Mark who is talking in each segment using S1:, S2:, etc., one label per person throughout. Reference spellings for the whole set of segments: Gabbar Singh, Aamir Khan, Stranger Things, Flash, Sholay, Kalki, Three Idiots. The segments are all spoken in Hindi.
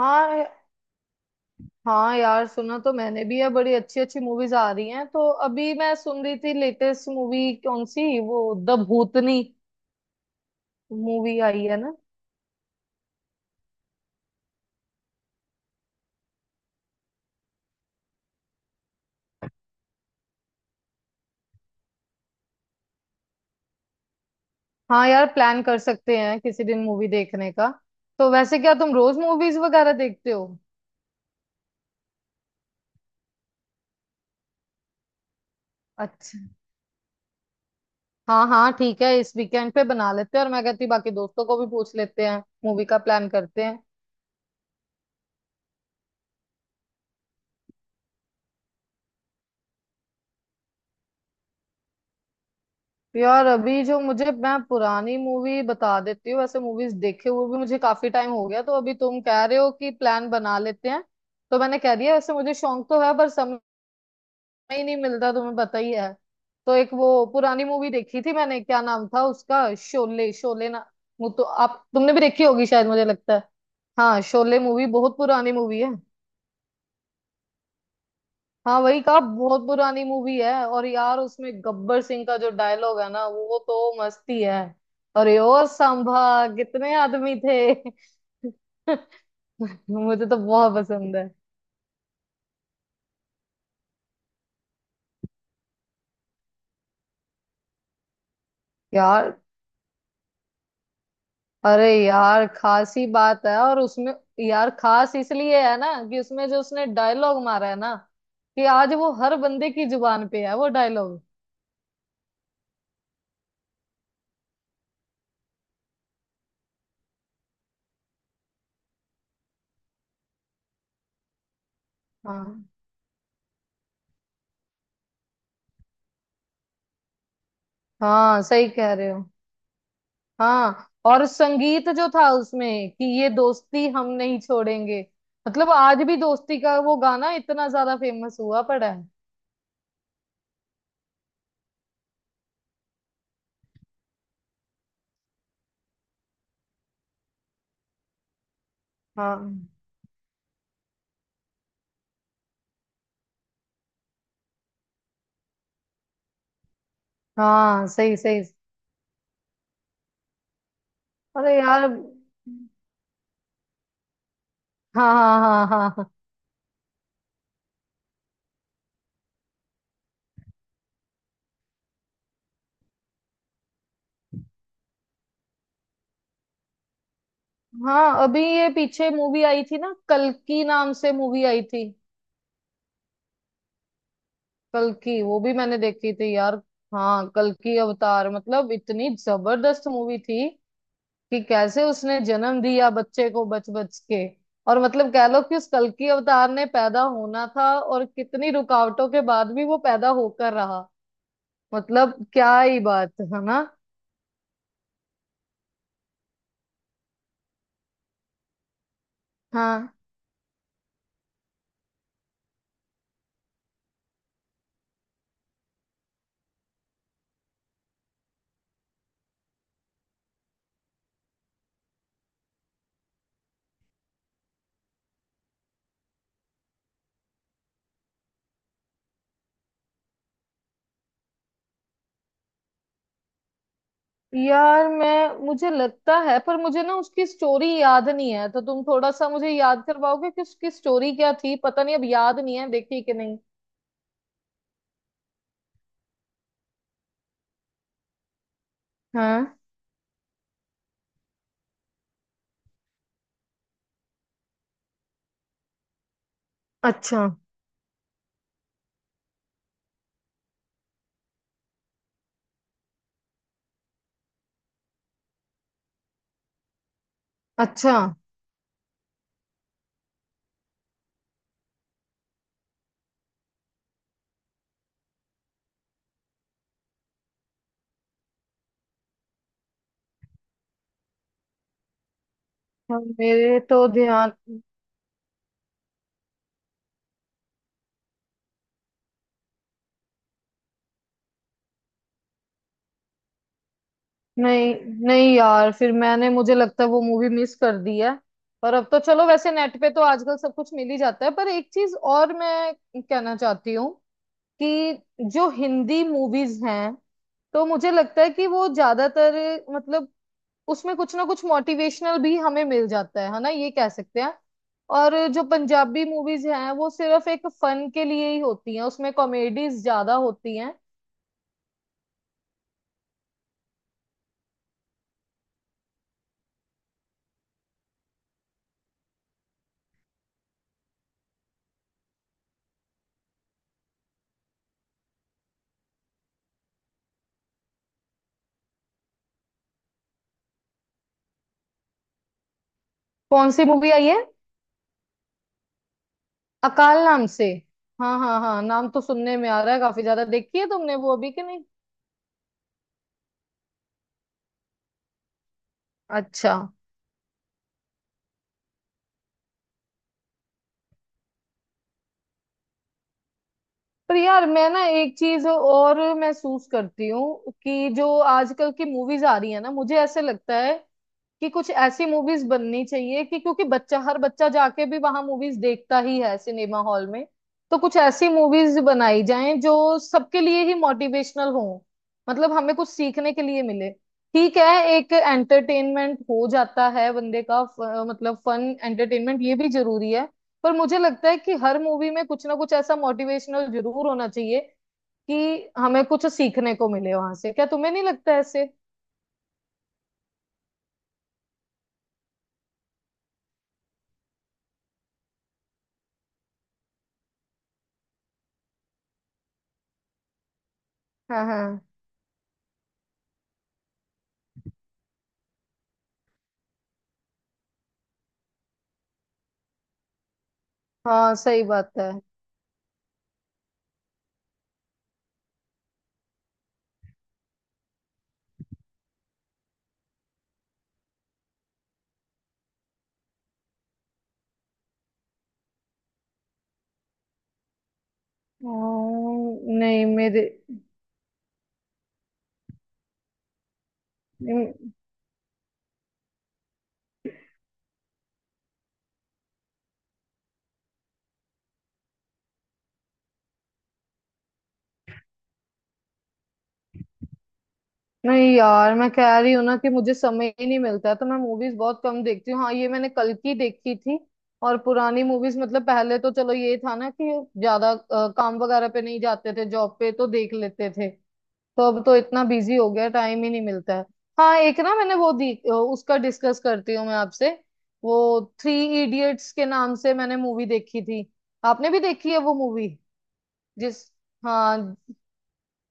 S1: हाँ हाँ, यार सुना तो मैंने भी है। बड़ी अच्छी अच्छी मूवीज आ रही हैं। तो अभी मैं सुन रही थी, लेटेस्ट मूवी कौन सी, वो द भूतनी मूवी आई है ना। हाँ यार, प्लान कर सकते हैं किसी दिन मूवी देखने का। तो वैसे क्या तुम रोज मूवीज वगैरह देखते हो? अच्छा। हाँ हाँ, ठीक है, इस वीकेंड पे बना लेते हैं। और मैं कहती बाकी दोस्तों को भी पूछ लेते हैं, मूवी का प्लान करते हैं। यार, अभी जो मुझे मैं पुरानी मूवी बता देती हूँ। वैसे मूवीज देखे हुए भी मुझे काफी टाइम हो गया। तो अभी तुम कह रहे हो कि प्लान बना लेते हैं, तो मैंने कह दिया। वैसे मुझे शौक तो है, पर समय ही नहीं मिलता, तुम्हें पता ही है। तो एक वो पुरानी मूवी देखी थी मैंने, क्या नाम था उसका, शोले। शोले ना, वो तो आप तुमने भी देखी होगी शायद, मुझे लगता है। हाँ, शोले मूवी बहुत पुरानी मूवी है। हाँ, वही कहा, बहुत पुरानी मूवी है। और यार उसमें गब्बर सिंह का जो डायलॉग है ना, वो तो मस्ती है। अरे ओ सांभा, कितने आदमी थे? मुझे तो बहुत पसंद है। यार, अरे यार, खास ही बात है। और उसमें यार, खास इसलिए है ना कि उसमें जो उसने डायलॉग मारा है ना, कि आज वो हर बंदे की जुबान पे है वो डायलॉग। हाँ। हाँ, सही कह रहे हो। हाँ, और संगीत जो था उसमें, कि ये दोस्ती हम नहीं छोड़ेंगे। मतलब आज भी दोस्ती का वो गाना इतना ज्यादा फेमस हुआ पड़ा है। हाँ हाँ, सही सही। अरे यार। हाँ हाँ हाँ। हाँ हाँ हाँ। अभी ये पीछे मूवी आई थी ना, कल्कि नाम से मूवी आई थी। कल्कि वो भी मैंने देखी थी यार। हाँ, कल्कि अवतार, मतलब इतनी जबरदस्त मूवी थी। कि कैसे उसने जन्म दिया बच्चे को, बच बच के। और मतलब कह लो कि उस कल्कि अवतार ने पैदा होना था, और कितनी रुकावटों के बाद भी वो पैदा होकर रहा। मतलब क्या ही बात है ना। हाँ यार, मैं मुझे लगता है, पर मुझे ना उसकी स्टोरी याद नहीं है। तो तुम थोड़ा सा मुझे याद करवाओगे कि उसकी स्टोरी क्या थी? पता नहीं, अब याद नहीं है, देखी कि नहीं। हाँ। अच्छा। अच्छा। हाँ, मेरे तो ध्यान नहीं। नहीं यार, फिर मैंने मुझे लगता है वो मूवी मिस कर दी है। पर अब तो चलो, वैसे नेट पे तो आजकल सब कुछ मिल ही जाता है। पर एक चीज और मैं कहना चाहती हूँ कि जो हिंदी मूवीज हैं, तो मुझे लगता है कि वो ज्यादातर, मतलब उसमें कुछ ना कुछ मोटिवेशनल भी हमें मिल जाता है ना, ये कह सकते हैं। और जो पंजाबी मूवीज हैं वो सिर्फ एक फन के लिए ही होती हैं, उसमें कॉमेडीज ज्यादा होती हैं। कौन सी मूवी आई है? अकाल नाम से? हाँ हाँ हाँ, नाम तो सुनने में आ रहा है काफी ज्यादा। देखी है तुमने वो अभी कि नहीं? अच्छा। पर यार मैं ना एक चीज और महसूस करती हूँ कि जो आजकल की मूवीज आ रही है ना, मुझे ऐसे लगता है कि कुछ ऐसी मूवीज बननी चाहिए, कि क्योंकि बच्चा हर बच्चा जाके भी वहां मूवीज देखता ही है सिनेमा हॉल में। तो कुछ ऐसी मूवीज बनाई जाएं जो सबके लिए ही मोटिवेशनल हो, मतलब हमें कुछ सीखने के लिए मिले। ठीक है, एक एंटरटेनमेंट हो जाता है बंदे का, मतलब फन एंटरटेनमेंट ये भी जरूरी है। पर मुझे लगता है कि हर मूवी में कुछ ना कुछ ऐसा मोटिवेशनल जरूर होना चाहिए कि हमें कुछ सीखने को मिले वहां से। क्या तुम्हें नहीं लगता ऐसे? हाँ हाँ हाँ, सही बात है। हाँ, नहीं मेरे। नहीं यार, मैं कह रही हूँ ना कि मुझे समय ही नहीं मिलता है, तो मैं मूवीज बहुत कम देखती हूँ। हाँ, ये मैंने कल की देखी थी। और पुरानी मूवीज, मतलब पहले तो चलो ये था ना कि ज्यादा काम वगैरह पे नहीं जाते थे, जॉब पे तो देख लेते थे। तो अब तो इतना बिजी हो गया, टाइम ही नहीं मिलता है। हाँ, एक ना मैंने वो दी अ, उसका डिस्कस करती हूँ मैं आपसे, वो थ्री इडियट्स के नाम से मैंने मूवी देखी थी। आपने भी देखी है वो मूवी? जिस हाँ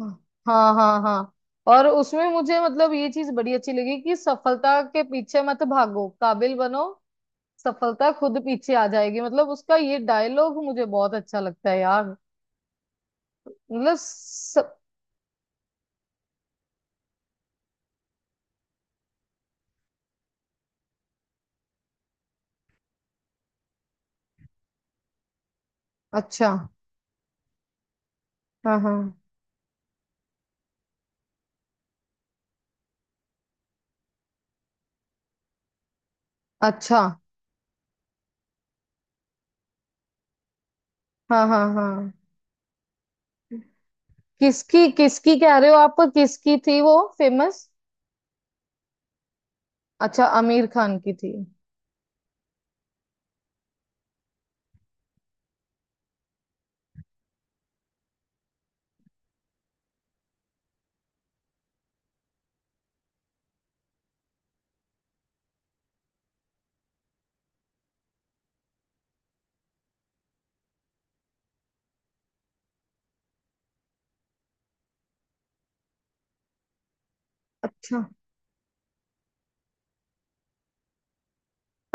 S1: हाँ हाँ। हाँ हाँ। और उसमें मुझे मतलब ये चीज बड़ी अच्छी लगी कि सफलता के पीछे मत भागो, काबिल बनो, सफलता खुद पीछे आ जाएगी। मतलब उसका ये डायलॉग मुझे बहुत अच्छा लगता है यार। मतलब अच्छा। हाँ हाँ। अच्छा। हाँ हाँ हाँ। किसकी किसकी कह रहे हो आप? किसकी थी वो फेमस? अच्छा, आमिर खान की थी? अच्छा।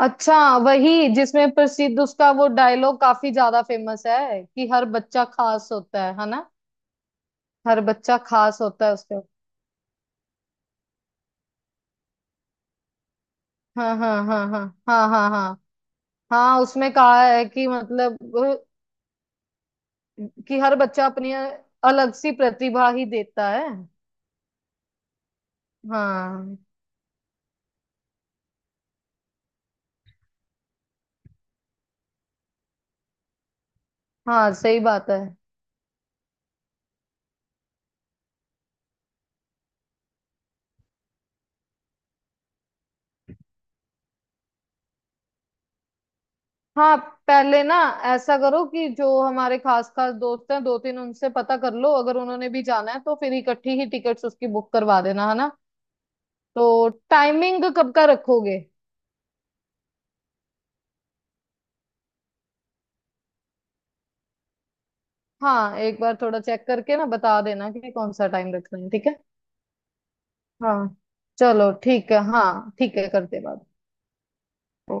S1: अच्छा, वही जिसमें प्रसिद्ध उसका वो डायलॉग काफी ज्यादा फेमस है कि हर बच्चा खास होता है ना? हर बच्चा खास होता है उसके। हाँ हाँ हाँ हाँ। हाँ हाँ हाँ हाँ। उसमें कहा है कि मतलब अ, कि हर बच्चा अपनी अलग सी प्रतिभा ही देता है। हाँ हाँ, सही बात है। हाँ, पहले ना ऐसा करो कि जो हमारे खास खास दोस्त हैं, दो तीन, उनसे पता कर लो। अगर उन्होंने भी जाना है तो फिर इकट्ठी ही टिकट्स उसकी बुक करवा देना, है ना? तो टाइमिंग कब का रखोगे? हाँ, एक बार थोड़ा चेक करके ना बता देना कि कौन सा टाइम रखना है, ठीक है? हाँ, चलो ठीक है। हाँ ठीक है, करते बात। ओ-